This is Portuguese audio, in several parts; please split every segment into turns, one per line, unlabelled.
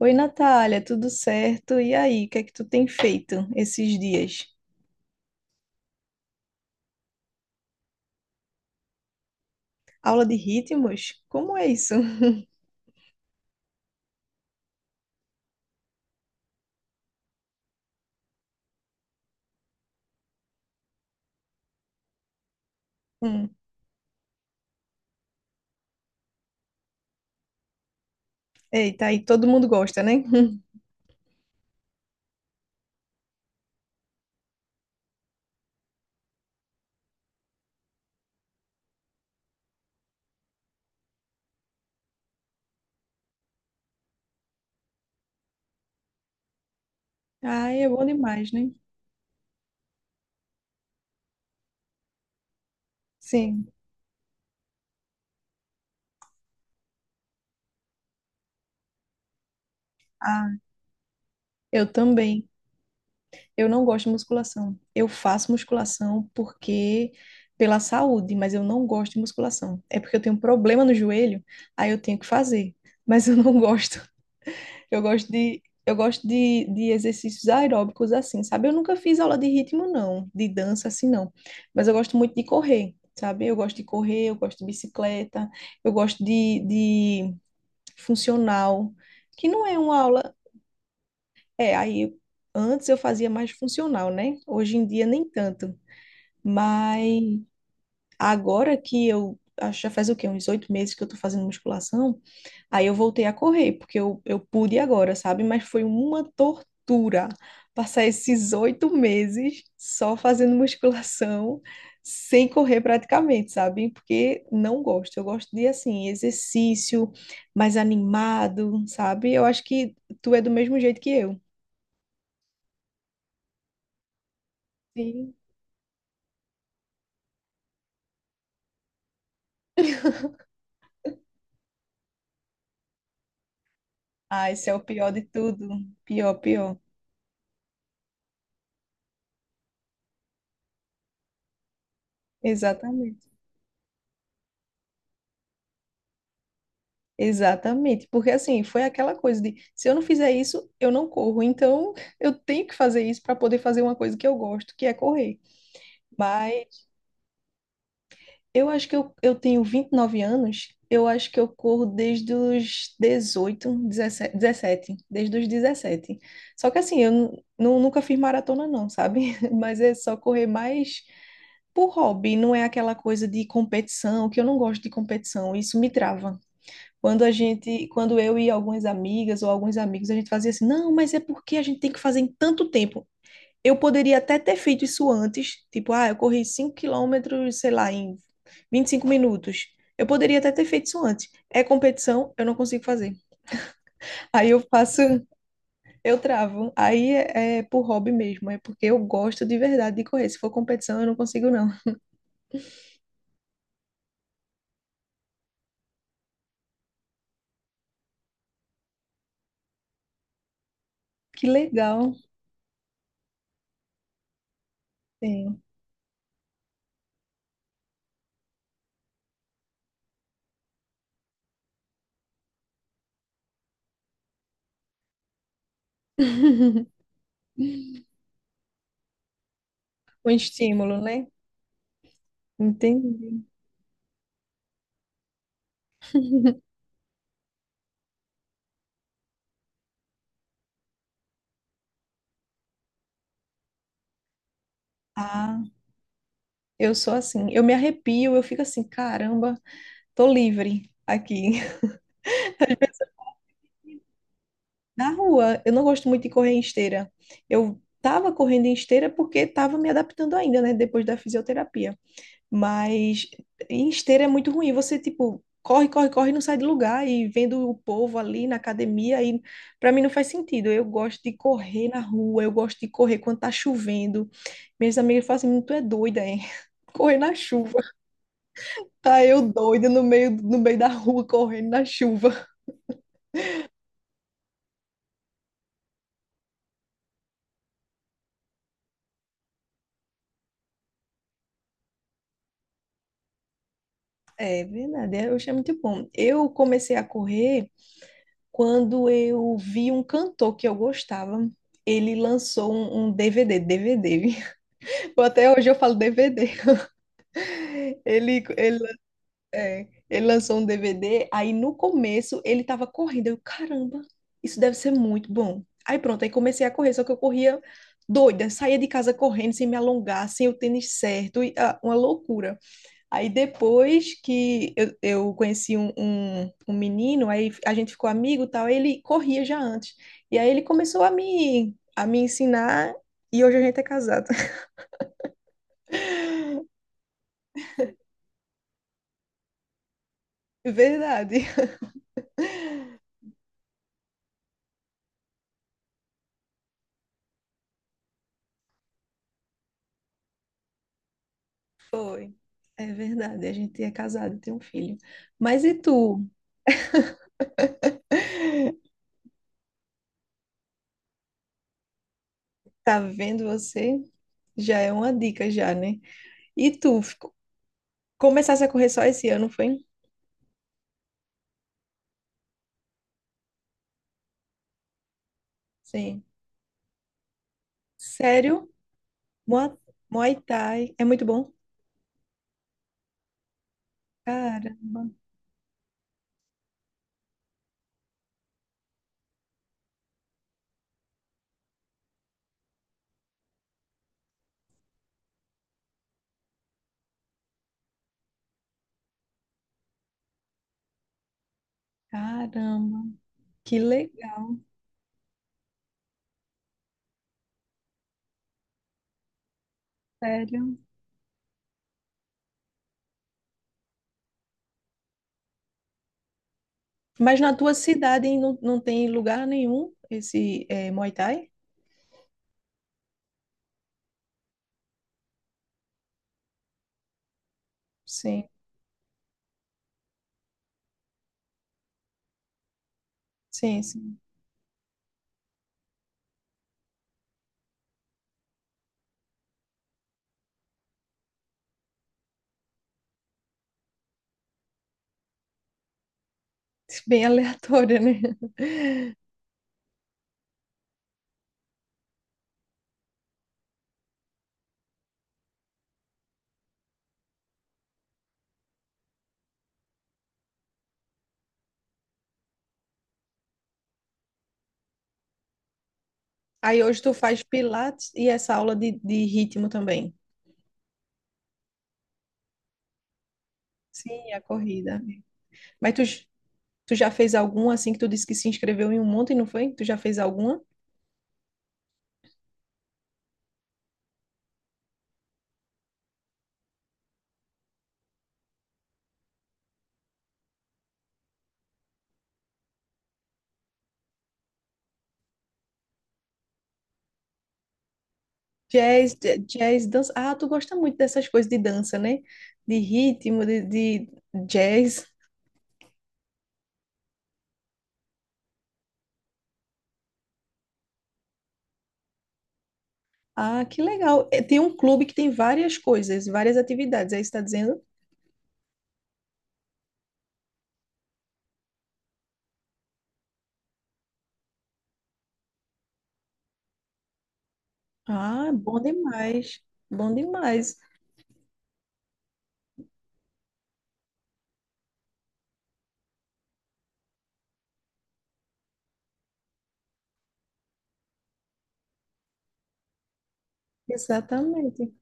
Oi, Natália, tudo certo? E aí, o que é que tu tem feito esses dias? Aula de ritmos? Como é isso? Hum. Eita, aí todo mundo gosta, né? Ai, é bom demais, né? Sim. Ah, eu também. Eu não gosto de musculação. Eu faço musculação porque pela saúde, mas eu não gosto de musculação. É porque eu tenho um problema no joelho, aí eu tenho que fazer, mas eu não gosto. Eu gosto de exercícios aeróbicos assim, sabe? Eu nunca fiz aula de ritmo, não, de dança assim, não. Mas eu gosto muito de correr, sabe? Eu gosto de correr, eu gosto de bicicleta, eu gosto de funcional, que não é uma aula. É, aí antes eu fazia mais funcional, né? Hoje em dia nem tanto. Mas agora que eu acho que já faz o quê? Uns 8 meses que eu tô fazendo musculação. Aí eu voltei a correr, porque eu pude agora, sabe? Mas foi uma tortura passar esses 8 meses só fazendo musculação, sem correr praticamente, sabe? Porque não gosto. Eu gosto de, assim, exercício mais animado, sabe? Eu acho que tu é do mesmo jeito que eu. Sim. Ah, esse é o pior de tudo. Pior, pior. Exatamente. Exatamente, porque assim, foi aquela coisa de se eu não fizer isso, eu não corro. Então, eu tenho que fazer isso para poder fazer uma coisa que eu gosto, que é correr. Mas eu acho que eu tenho 29 anos, eu acho que eu corro desde os 18, 17, 17, desde os 17. Só que assim, eu nunca fiz maratona não, sabe? Mas é só correr mais por hobby, não é aquela coisa de competição, que eu não gosto de competição, isso me trava. Quando eu e algumas amigas ou alguns amigos, a gente fazia assim, não, mas é porque a gente tem que fazer em tanto tempo. Eu poderia até ter feito isso antes, tipo, ah, eu corri 5 quilômetros, sei lá, em 25 minutos. Eu poderia até ter feito isso antes. É competição, eu não consigo fazer. Aí eu faço, eu travo. Aí é por hobby mesmo, é porque eu gosto de verdade de correr. Se for competição, eu não consigo, não. Que legal. Sim. Um estímulo, né? Entendi. Ah, eu sou assim, eu me arrepio, eu fico assim, caramba, tô livre aqui. Na rua, eu não gosto muito de correr em esteira. Eu tava correndo em esteira porque tava me adaptando ainda, né, depois da fisioterapia. Mas em esteira é muito ruim, você tipo corre, corre, corre, e não sai do lugar e vendo o povo ali na academia aí para mim não faz sentido. Eu gosto de correr na rua, eu gosto de correr quando tá chovendo. Minhas amigas falam assim, tu é doida, hein? Correr na chuva. Tá eu doida no meio da rua, correndo na chuva. É verdade, eu achei muito bom. Eu comecei a correr quando eu vi um cantor que eu gostava. Ele lançou um DVD, DVD. Até hoje eu falo DVD. Ele, ele, ele lançou um DVD, aí no começo ele tava correndo. Eu, caramba, isso deve ser muito bom. Aí pronto, aí comecei a correr, só que eu corria doida, saía de casa correndo, sem me alongar, sem o tênis certo, e, ah, uma loucura. Aí depois que eu conheci um menino, aí a gente ficou amigo e tal, ele corria já antes. E aí ele começou a me ensinar e hoje a gente é casado. Verdade. Foi. É verdade, a gente é casado, tem um filho. Mas e tu? Tá vendo você? Já é uma dica já, né? E tu começasse a correr só esse ano, foi? Sim. Sério? Mua- Muay Thai é muito bom? Cara. Caramba, que legal, sério. Mas na tua cidade hein, não, não tem lugar nenhum esse Muay Thai? Sim, sim, sim. Bem aleatório, né? Aí hoje tu faz pilates e essa aula de ritmo também. Sim, a corrida. Mas tu já fez alguma assim que tu disse que se inscreveu em um monte, não foi? Tu já fez alguma? Jazz, dança. Ah, tu gosta muito dessas coisas de dança, né? De ritmo, de jazz. Ah, que legal. É, tem um clube que tem várias coisas, várias atividades. Aí está dizendo? Ah, bom demais. Bom demais. Exatamente.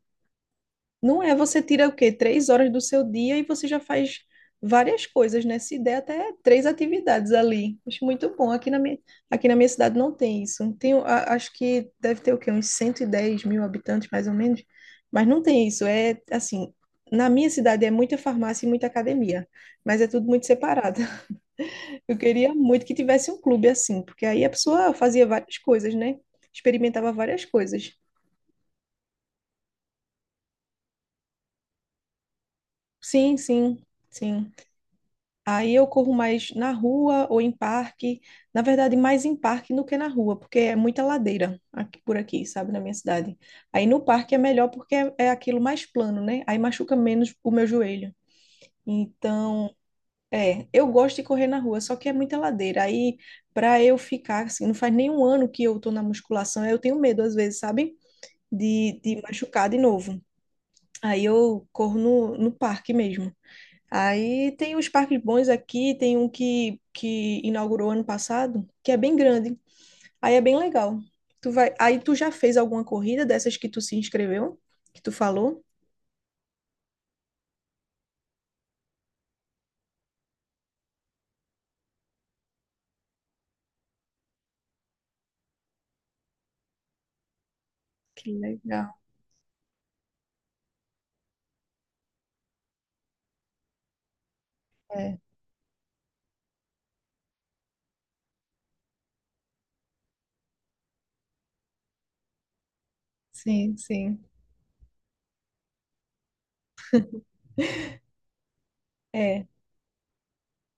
Não é você tira o quê? 3 horas do seu dia e você já faz várias coisas, né? Se der até 3 atividades ali. Acho muito bom. Aqui na minha cidade não tem isso. Tem, acho que deve ter o quê? Uns 110 mil habitantes, mais ou menos. Mas não tem isso. É assim, na minha cidade é muita farmácia e muita academia, mas é tudo muito separado. Eu queria muito que tivesse um clube assim, porque aí a pessoa fazia várias coisas, né? Experimentava várias coisas. Sim, sim, sim. Aí eu corro mais na rua ou em parque. Na verdade, mais em parque do que na rua, porque é muita ladeira aqui por aqui, sabe, na minha cidade. Aí no parque é melhor porque é aquilo mais plano, né? Aí machuca menos o meu joelho. Então, eu gosto de correr na rua, só que é muita ladeira. Aí, para eu ficar assim, não faz nem um ano que eu tô na musculação, aí eu tenho medo às vezes, sabe? De machucar de novo. Aí eu corro no parque mesmo. Aí tem os parques bons aqui, tem um que inaugurou ano passado, que é bem grande. Aí é bem legal. Aí tu já fez alguma corrida dessas que tu se inscreveu, que tu falou? Que legal. É, sim, sim. É,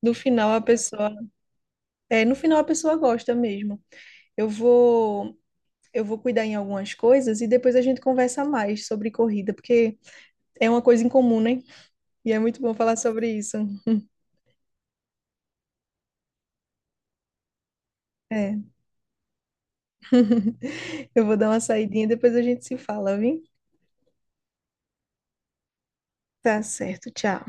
no final a pessoa, é, no final a pessoa gosta mesmo. Eu vou, eu vou cuidar em algumas coisas e depois a gente conversa mais sobre corrida, porque é uma coisa em comum, né? E é muito bom falar sobre isso. É. Eu vou dar uma saidinha, depois a gente se fala, viu? Tá certo, tchau.